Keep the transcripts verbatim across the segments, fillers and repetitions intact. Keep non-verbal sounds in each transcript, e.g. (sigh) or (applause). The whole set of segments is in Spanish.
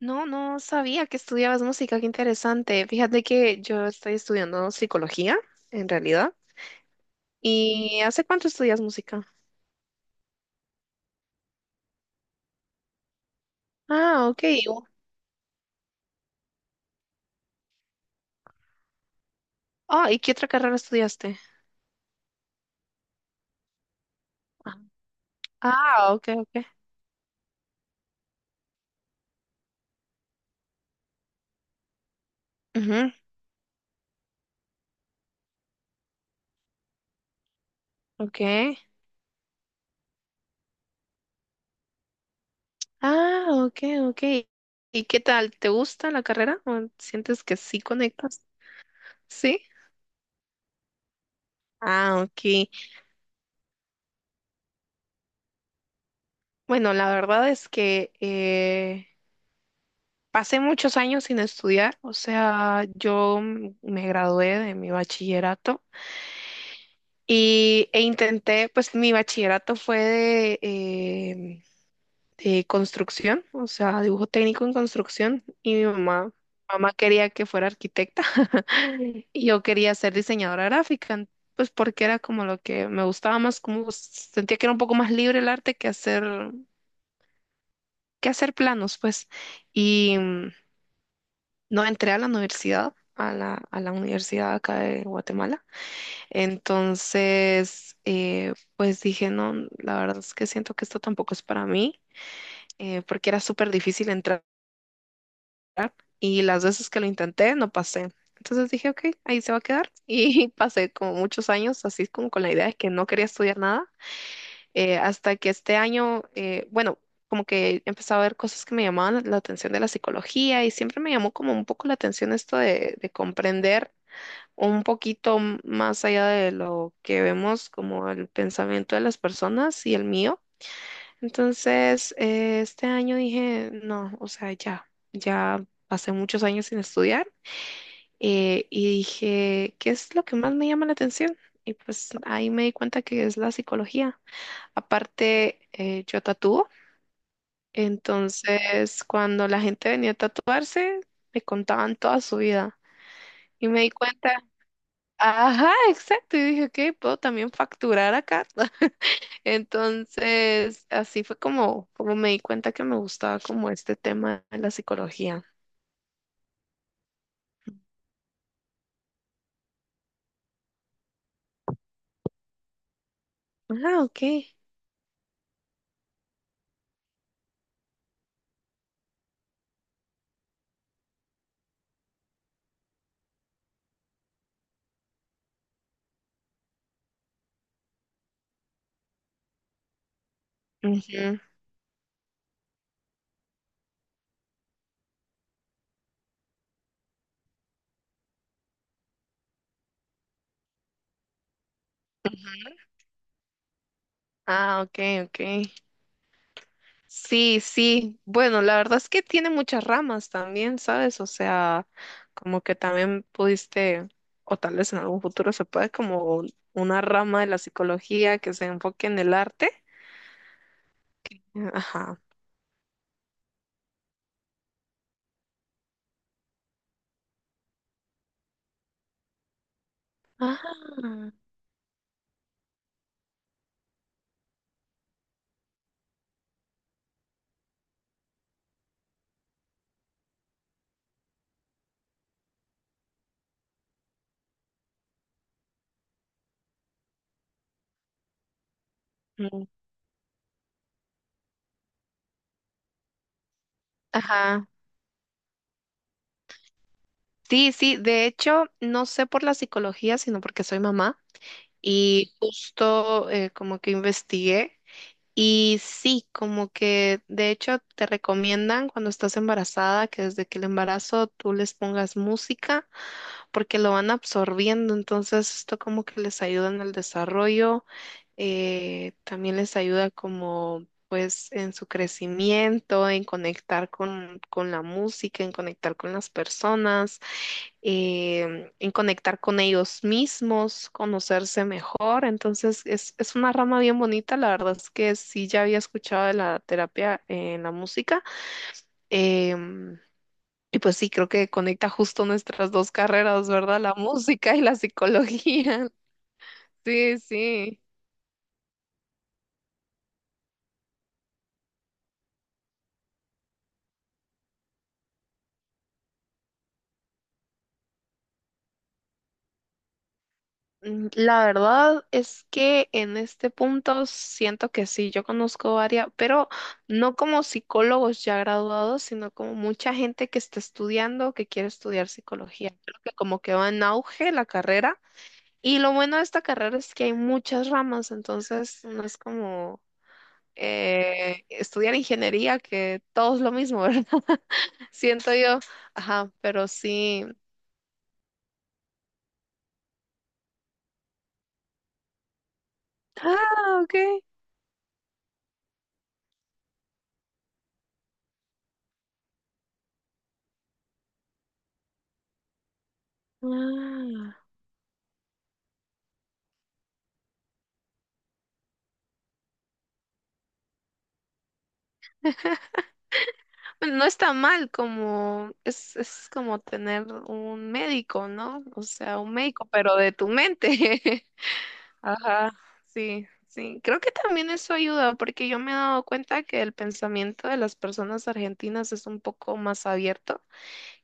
No, no sabía que estudiabas música, qué interesante. Fíjate que yo estoy estudiando psicología, en realidad. ¿Y hace cuánto estudias música? Ah, ok. Ah, ¿y qué otra carrera estudiaste? Ah, ok, ok. Ujú, ok. Ah, ok, ok. ¿Y qué tal? ¿Te gusta la carrera? ¿O sientes que sí conectas? Sí. Ah, ok. Bueno, la verdad es que eh, pasé muchos años sin estudiar, o sea, yo m- me gradué de mi bachillerato y, e intenté, pues mi bachillerato fue de, eh, de construcción, o sea, dibujo técnico en construcción y mi mamá, mamá quería que fuera arquitecta (laughs) y yo quería ser diseñadora gráfica, en- pues porque era como lo que me gustaba más, como s- sentía que era un poco más libre el arte que hacer, que hacer planos, pues. Y... No entré a la universidad, a la, a la universidad acá de Guatemala. Entonces, eh, pues dije, no, la verdad es que siento que esto tampoco es para mí, eh, porque era súper difícil entrar y las veces que lo intenté no pasé. Entonces dije, ok, ahí se va a quedar. (laughs) Y pasé como muchos años así como con la idea de que no quería estudiar nada, eh, hasta que este año, eh, bueno, como que empecé a ver cosas que me llamaban la atención de la psicología y siempre me llamó como un poco la atención esto de de comprender. Un poquito m- más allá de lo que vemos como el pensamiento de las personas y el mío. Entonces, eh, este año dije, no, o sea, ya, ya pasé muchos años sin estudiar eh, y dije, ¿qué es lo que más me llama la atención? Y pues ahí me di cuenta que es la psicología. Aparte, eh, yo tatúo, entonces cuando la gente venía a tatuarse, me contaban toda su vida. Y me di cuenta, ajá, exacto. Y dije, ok, puedo también facturar acá. (laughs) Entonces, así fue como, como me di cuenta que me gustaba como este tema de la psicología. Ah, ok. Ujú. Ah, ok, ok. Sí, sí. Bueno, la verdad es que tiene muchas ramas también, ¿sabes? O sea, como que también pudiste, o tal vez en algún futuro se puede como una rama de la psicología que se enfoque en el arte. Ajá. Ajá. Mm. Ajá. Sí, sí, de hecho, no sé por la psicología, sino porque soy mamá y justo eh, como que investigué y sí, como que de hecho te recomiendan cuando estás embarazada que desde que el embarazo tú les pongas música porque lo van absorbiendo, entonces esto como que les ayuda en el desarrollo, eh, también les ayuda como pues en su crecimiento, en conectar con, con la música, en conectar con las personas eh, en conectar con ellos mismos, conocerse mejor. Entonces, es, es una rama bien bonita. La verdad es que sí, ya había escuchado de la terapia en la música. em, y pues sí, creo que conecta justo nuestras dos carreras, ¿verdad? La música y la psicología. (laughs) Sí, sí. Mm, la verdad es que en este punto siento que sí, yo conozco varias, pero no como psicólogos ya graduados, sino como mucha gente que está estudiando, que quiere estudiar psicología. Creo que como que va en auge la carrera. Y lo bueno de esta carrera es que hay muchas ramas, entonces no es como eh, estudiar ingeniería, que todo es lo mismo, (laughs) ¿verdad? Siento yo, ajá, pero sí. Ah, ok. Ah. Bueno, no está mal como, es, es como tener un médico, ¿no? O sea, un médico, pero de tu mente. (laughs) Ajá, sí, sí. Creo que también eso ayuda, porque yo me he dado cuenta que el pensamiento de las personas argentinas es un poco más abierto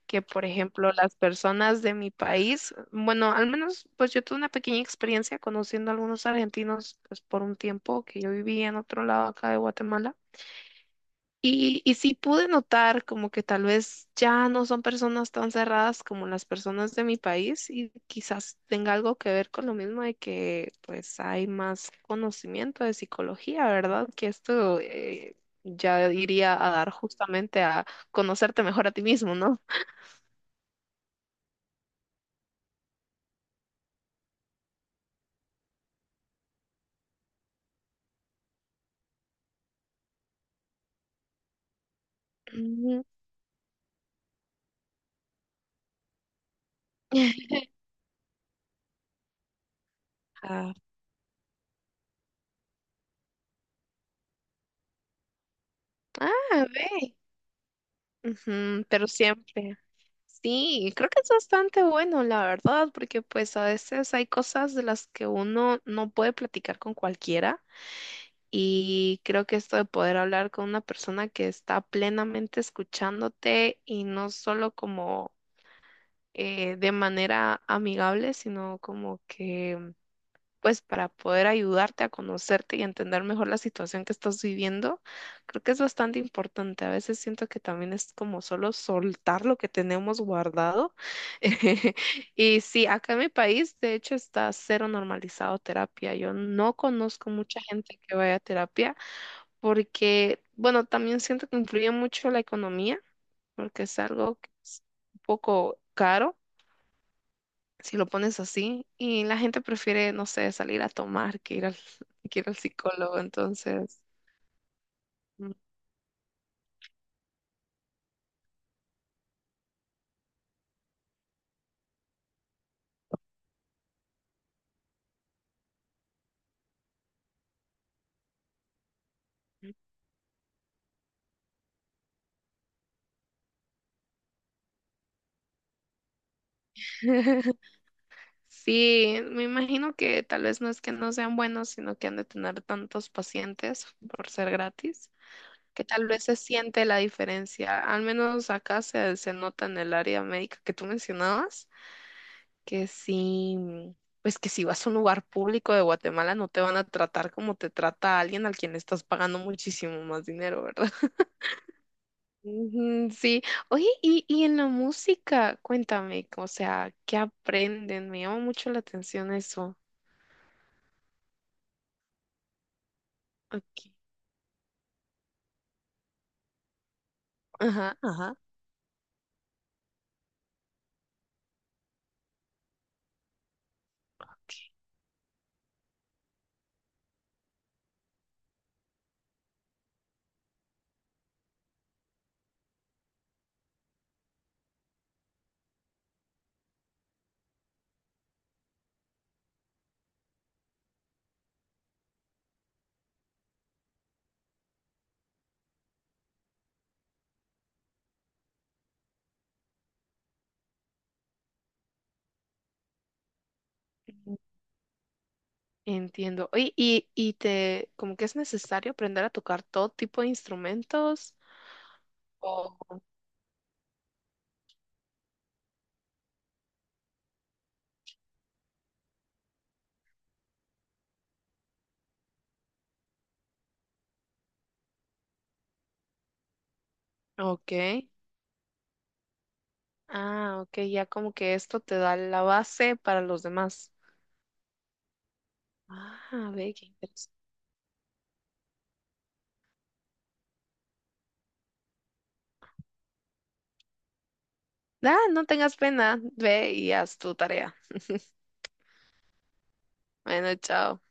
que, por ejemplo, las personas de mi país. Bueno, al menos, pues yo tuve una pequeña experiencia conociendo a algunos argentinos, pues por un tiempo que yo vivía en otro lado acá de Guatemala. Y, y sí pude notar como que tal vez ya no son personas tan cerradas como las personas de mi país y quizás tenga algo que ver con lo mismo de que pues hay más conocimiento de psicología, ¿verdad? Que esto eh, ya iría a dar justamente a conocerte mejor a ti mismo, ¿no? Ujú. (laughs) Ah, ah, ve. Ujú, pero siempre. Sí, creo que es bastante bueno, la verdad, porque pues a veces hay cosas de las que uno no puede platicar con cualquiera y creo que esto de poder hablar con una persona que está plenamente escuchándote y no solo como eh, de manera amigable, sino como que pues para poder ayudarte a conocerte y entender mejor la situación que estás viviendo, creo que es bastante importante. A veces siento que también es como solo soltar lo que tenemos guardado. (laughs) Y sí, acá en mi país, de hecho, está cero normalizado terapia. Yo no conozco mucha gente que vaya a terapia porque, bueno, también siento que influye mucho la economía, porque es algo que es un poco caro si lo pones así, y la gente prefiere, no sé, salir a tomar que ir al, (laughs) que ir al psicólogo, entonces, mm, (laughs) sí, me imagino que tal vez no es que no sean buenos, sino que han de tener tantos pacientes por ser gratis. Que tal vez se siente la diferencia. Al menos acá se, se nota en el área médica que tú mencionabas, que sí, pues que si vas a un lugar público de Guatemala no te van a tratar como te trata alguien al quien le estás pagando muchísimo más dinero, ¿verdad? (laughs) Ujú, sí, oye, y, y en la música, cuéntame, o sea, ¿qué aprenden? Me llama mucho la atención eso. Ok, ajá, ajá. Entiendo. Oye, y, y te, como que es necesario aprender a tocar todo tipo de instrumentos. O- Ok. Ah, ok, ya como que esto te da la base para los demás. Ah, ve, qué interesante. Ah, no tengas pena, ve y haz tu tarea. Bueno, chao.